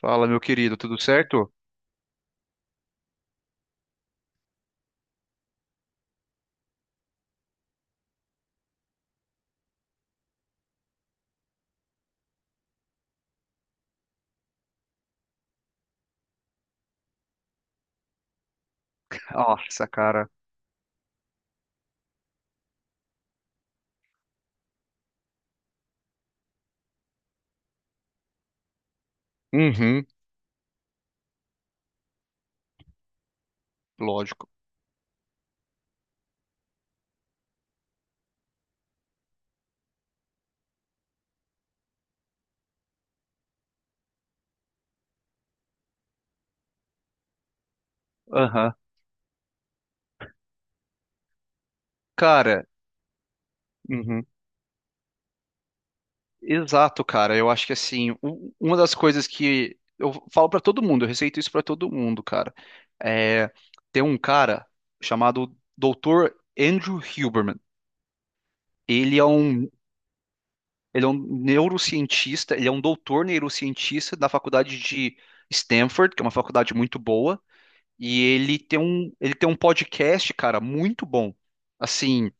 Fala, meu querido, tudo certo? Nossa, cara. Uhum, lógico. Aham. Cara, uhum. Exato, cara. Eu acho que assim, uma das coisas que eu falo pra todo mundo, eu receito isso pra todo mundo, cara. É, tem um cara chamado doutor Andrew Huberman. Ele é um, ele é um neurocientista, ele é um doutor neurocientista da faculdade de Stanford, que é uma faculdade muito boa, e ele tem um podcast, cara, muito bom. Assim,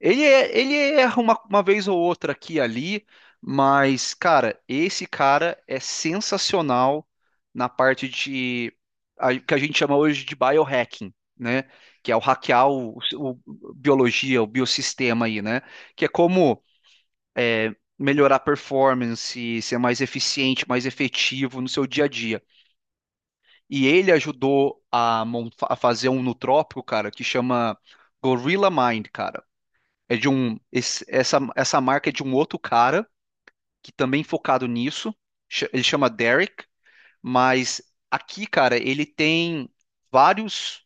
Ele erra uma vez ou outra aqui e ali, mas, cara, esse cara é sensacional na parte de que a gente chama hoje de biohacking, né? Que é o hackear o- biologia, o biossistema aí, né? Que é como melhorar a performance, ser mais eficiente, mais efetivo no seu dia a dia. E ele ajudou a, a fazer um nootropico, cara, que chama Gorilla Mind, cara. É de um esse- essa essa marca é de um outro cara que também focado nisso. Ele chama Derek, mas aqui, cara, ele tem vários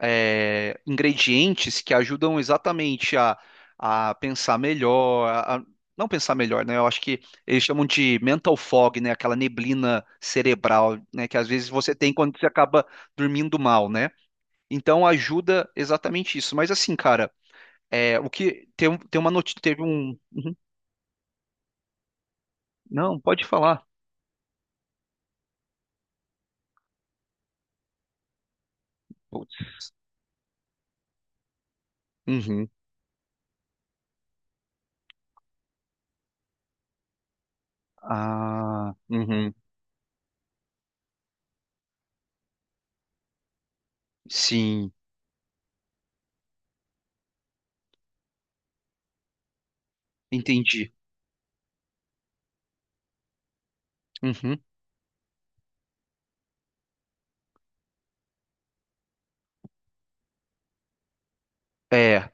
ingredientes que ajudam exatamente a- a- pensar melhor, não pensar melhor, né? Eu acho que eles chamam de mental fog, né? Aquela neblina cerebral, né? Que às vezes você tem quando você acaba dormindo mal, né? Então ajuda exatamente isso. Mas assim, cara, o que tem, tem uma notícia, teve um. Uhum. Não, pode falar. Putz. Uhum. Ah, uhum. Sim, entendi. Uhum. É,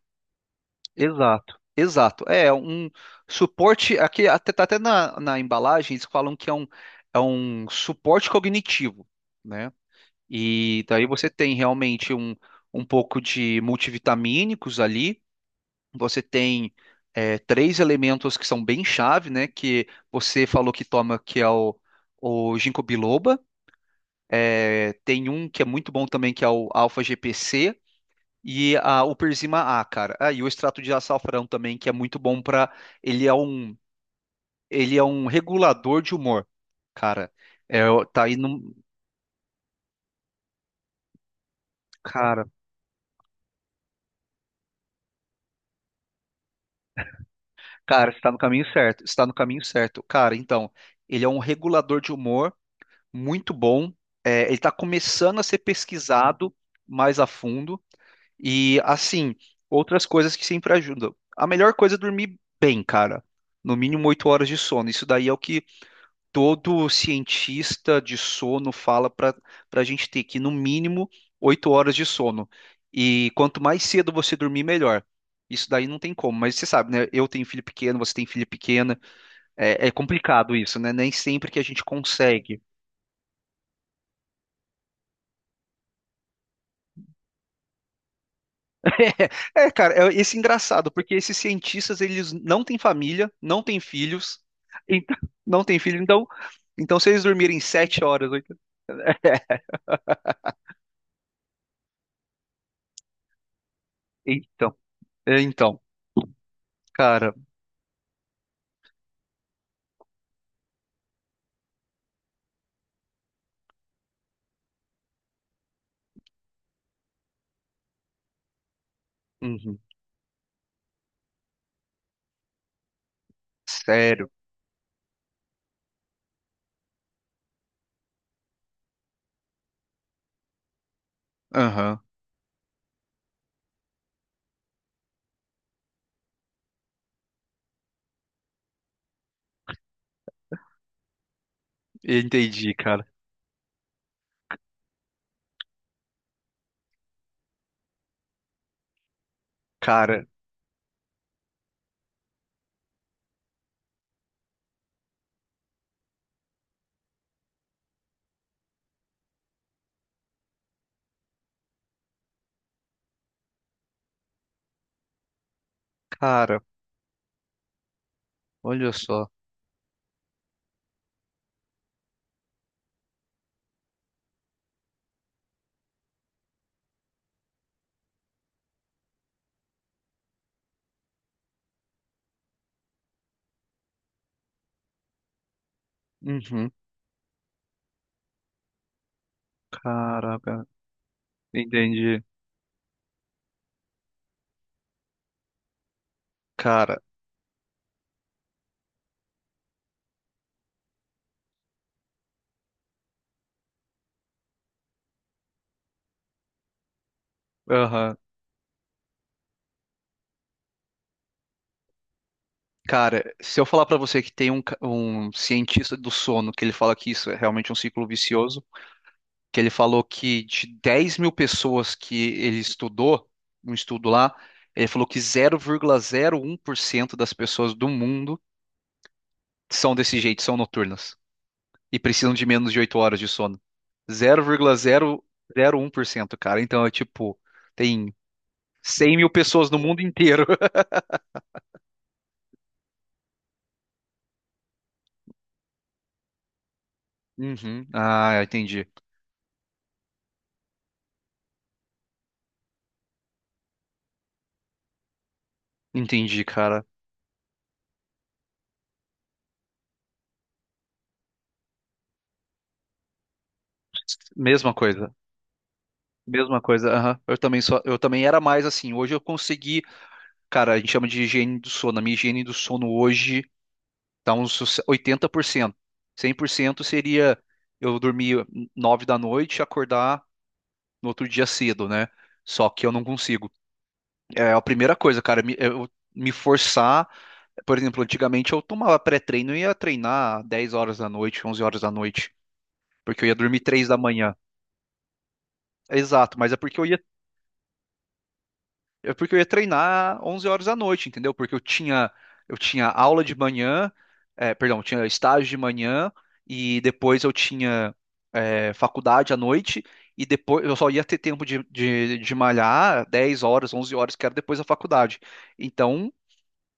exato, exato. É um suporte aqui, até tá até na, na embalagem eles falam que é um, é um suporte cognitivo, né? E daí você tem realmente um um pouco de multivitamínicos ali. Você tem três elementos que são bem chave, né? Que você falou que toma, que é o ginkgo biloba. É, tem um que é muito bom também, que é o alfa-GPC. E a, o Persima A, cara. Ah, e o extrato de açafrão também, que é muito bom para. Ele é um, ele é um regulador de humor, cara. É, tá aí no. Cara, cara, você tá no caminho certo. Está no caminho certo. Cara, então, ele é um regulador de humor muito bom. É, ele está começando a ser pesquisado mais a fundo. E, assim, outras coisas que sempre ajudam. A melhor coisa é dormir bem, cara. No mínimo 8 horas de sono. Isso daí é o que todo cientista de sono fala para a gente ter que, no mínimo, oito horas de sono. E quanto mais cedo você dormir, melhor. Isso daí não tem como, mas você sabe, né? Eu tenho filho pequeno, você tem filho pequena, é, é complicado isso, né? Nem sempre que a gente consegue. É, cara, é esse engraçado, porque esses cientistas, eles não têm família, não têm filhos, então- não têm filho, então, então se eles dormirem 7 horas, 8, é, então, é, então, cara, uhum, sério, aham, eu entendi, cara, cara, cara, olha só, uhum, caraca, entendi, cara, aham. Cara, se eu falar pra você que tem um, um cientista do sono que ele fala que isso é realmente um ciclo vicioso, que ele falou que de 10.000 pessoas que ele estudou, um estudo lá, ele falou que 0,01% das pessoas do mundo são desse jeito, são noturnas e precisam de menos de 8 horas de sono. 0,001%, cara. Então é tipo, tem 100.000 pessoas no mundo inteiro. Uhum. Ah, entendi. Entendi, cara. Mesma coisa. Mesma coisa, aham. Eu também só, eu também era mais assim. Hoje eu consegui, cara, a gente chama de higiene do sono. A minha higiene do sono hoje tá uns 80%. 100% seria eu dormir 21h e acordar no outro dia cedo, né? Só que eu não consigo. É a primeira coisa, cara, me, eu me forçar. Por exemplo, antigamente eu tomava pré-treino e ia treinar 22h, 23h, porque eu ia dormir 3h. Exato, mas é porque eu ia. É porque eu ia treinar 23h, entendeu? Porque eu tinha aula de manhã, é, perdão, eu tinha estágio de manhã e depois eu tinha faculdade à noite e depois eu só ia ter tempo de malhar 22h, 23h, que era depois da faculdade. Então,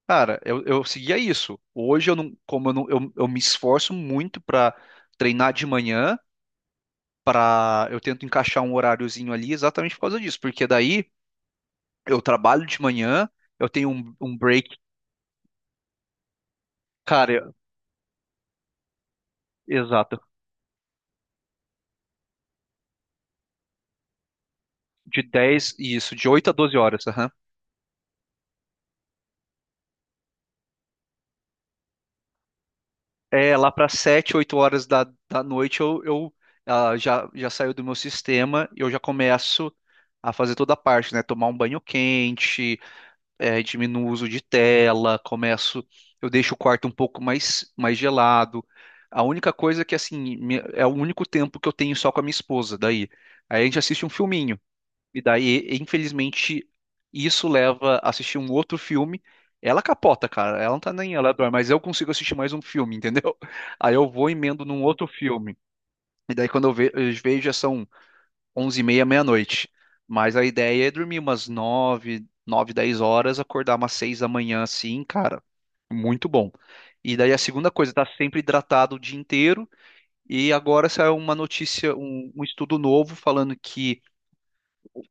cara, eu seguia isso. Hoje eu não, como eu, não, eu me esforço muito para treinar de manhã, para eu tento encaixar um horáriozinho ali exatamente por causa disso, porque daí eu trabalho de manhã, eu tenho um break, cara, exato, de 10, isso, de 8 a 12 horas, aham. É, lá para 7, 8 horas da noite eu ah, já, já saio do meu sistema e eu já começo a fazer toda a parte, né? Tomar um banho quente, é, diminuo o uso de tela, começo, eu deixo o quarto um pouco mais, mais gelado. A única coisa é que, assim, é o único tempo que eu tenho só com a minha esposa, daí. Aí a gente assiste um filminho. E daí, infelizmente, isso leva a assistir um outro filme. Ela capota, cara. Ela não tá nem ela dorme, mas eu consigo assistir mais um filme, entendeu? Aí eu vou e emendo num outro filme. E daí quando eu eu vejo já são 23h30, meia-noite. Mas a ideia é dormir umas nove, nove, 10 horas, acordar umas 6h assim, cara. Muito bom. E daí a segunda coisa, tá sempre hidratado o dia inteiro. E agora saiu uma notícia, um um estudo novo falando que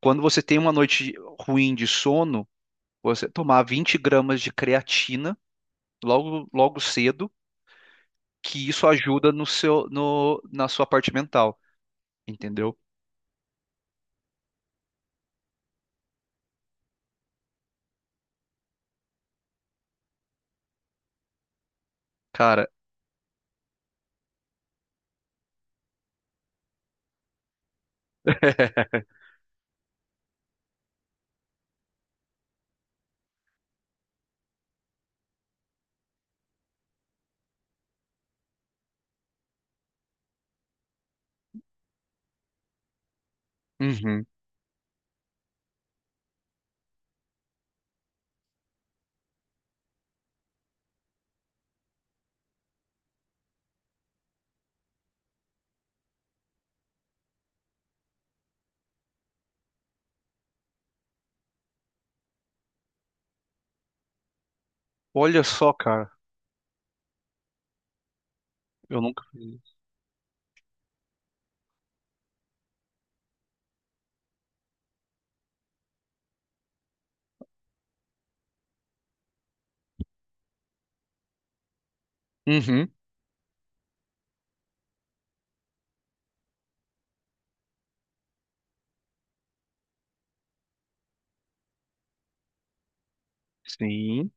quando você tem uma noite ruim de sono, você tomar 20 gramas de creatina logo, logo cedo, que isso ajuda no seu, no, na sua parte mental, entendeu? Cara, uhum. Olha só, cara, eu nunca fiz isso. Uhum. Sim,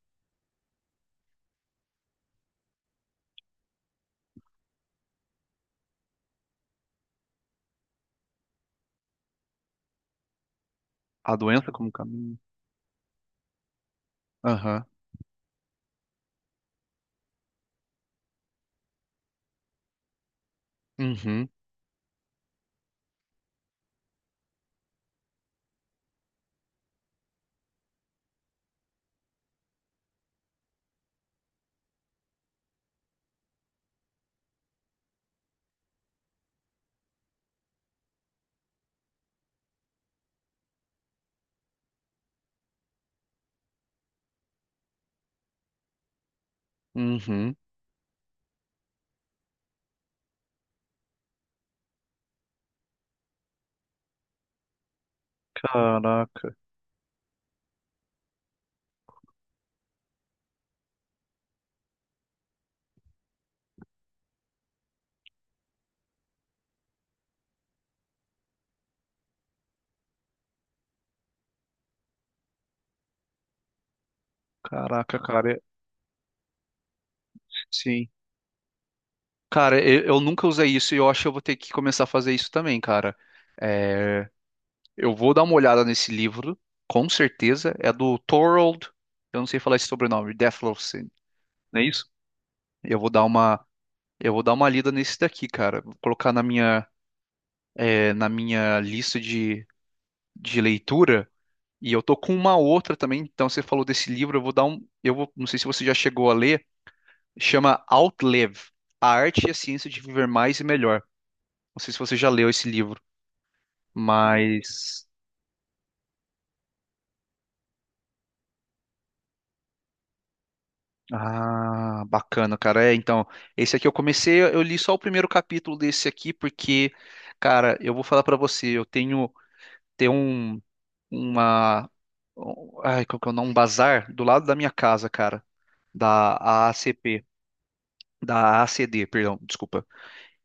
a doença como caminho. Aham. Uhum. Uhum. Caraca, caraca, cara, é- sim. Cara, eu nunca usei isso e eu acho que eu vou ter que começar a fazer isso também, cara. É, eu vou dar uma olhada nesse livro, com certeza. É do Thorold, eu não sei falar esse sobrenome, Deathlowson, não é isso? Eu vou dar uma, eu vou dar uma lida nesse daqui, cara. Vou colocar na minha, é, na minha lista de leitura. E eu tô com uma outra também. Então você falou desse livro, eu vou dar um, eu vou, não sei se você já chegou a ler. Chama Outlive, A Arte e a Ciência de Viver Mais e Melhor. Não sei se você já leu esse livro, mas. Ah, bacana, cara. É, então, esse aqui eu comecei, eu li só o primeiro capítulo desse aqui, porque, cara, eu vou falar pra você, eu tenho, tem um, uma, ai, qual que é o nome? Um bazar do lado da minha casa, cara, da AACP, da AACD, perdão, desculpa.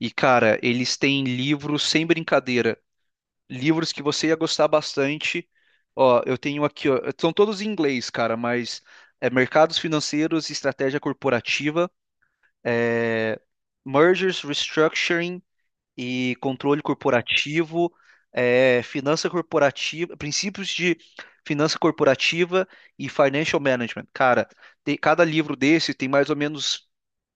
E, cara, eles têm livros sem brincadeira, livros que você ia gostar bastante. Ó, eu tenho aqui, ó, são todos em inglês, cara, mas é Mercados Financeiros e Estratégia Corporativa. É, mergers, restructuring e controle corporativo, é, finança corporativa, princípios de finança corporativa e financial management. Cara, cada livro desse tem mais ou menos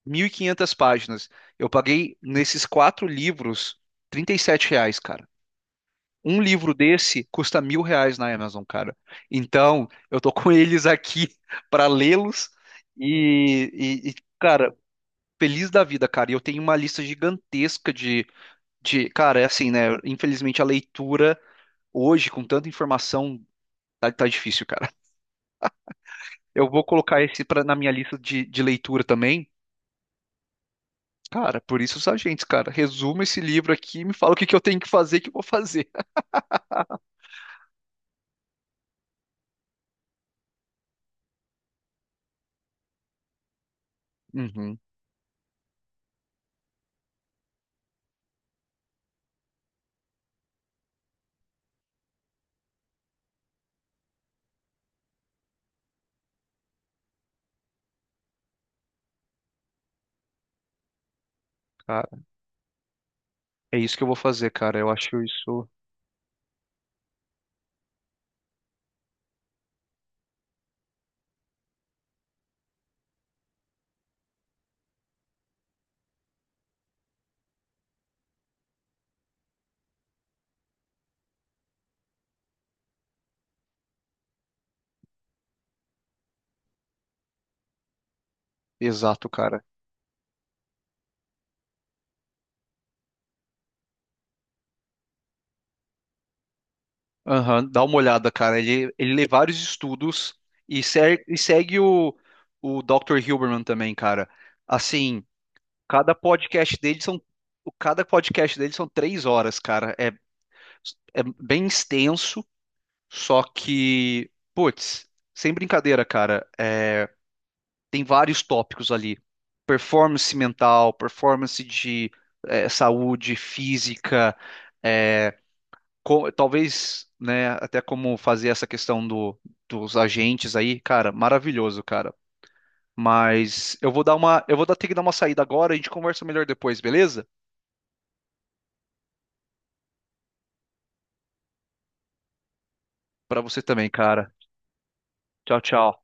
1.500 páginas. Eu paguei nesses quatro livros R$ 37, cara. Um livro desse custa R$ 1.000 na Amazon, cara. Então, eu tô com eles aqui para lê-los e, e, cara, feliz da vida, cara. E eu tenho uma lista gigantesca cara, é assim, né? Infelizmente a leitura hoje, com tanta informação, tá, tá difícil, cara. Eu vou colocar esse pra, na minha lista de leitura também. Cara, por isso os agentes, cara. Resuma esse livro aqui e me fala o que que eu tenho que fazer, que eu vou fazer. Uhum, cara. É isso que eu vou fazer, cara. Eu acho isso exato, cara. Aham, dá uma olhada, cara. Ele lê vários estudos e, e segue o Dr. Hilberman também, cara. Assim, cada podcast dele são, cada podcast dele são 3 horas, cara. É, é bem extenso, só que, putz, sem brincadeira, cara, é, tem vários tópicos ali. Performance mental, performance de saúde física, é, talvez, né, até como fazer essa questão dos agentes aí, cara, maravilhoso, cara. Mas eu vou dar uma, eu vou ter que dar uma saída agora, a gente conversa melhor depois, beleza? Pra você também, cara. Tchau, tchau.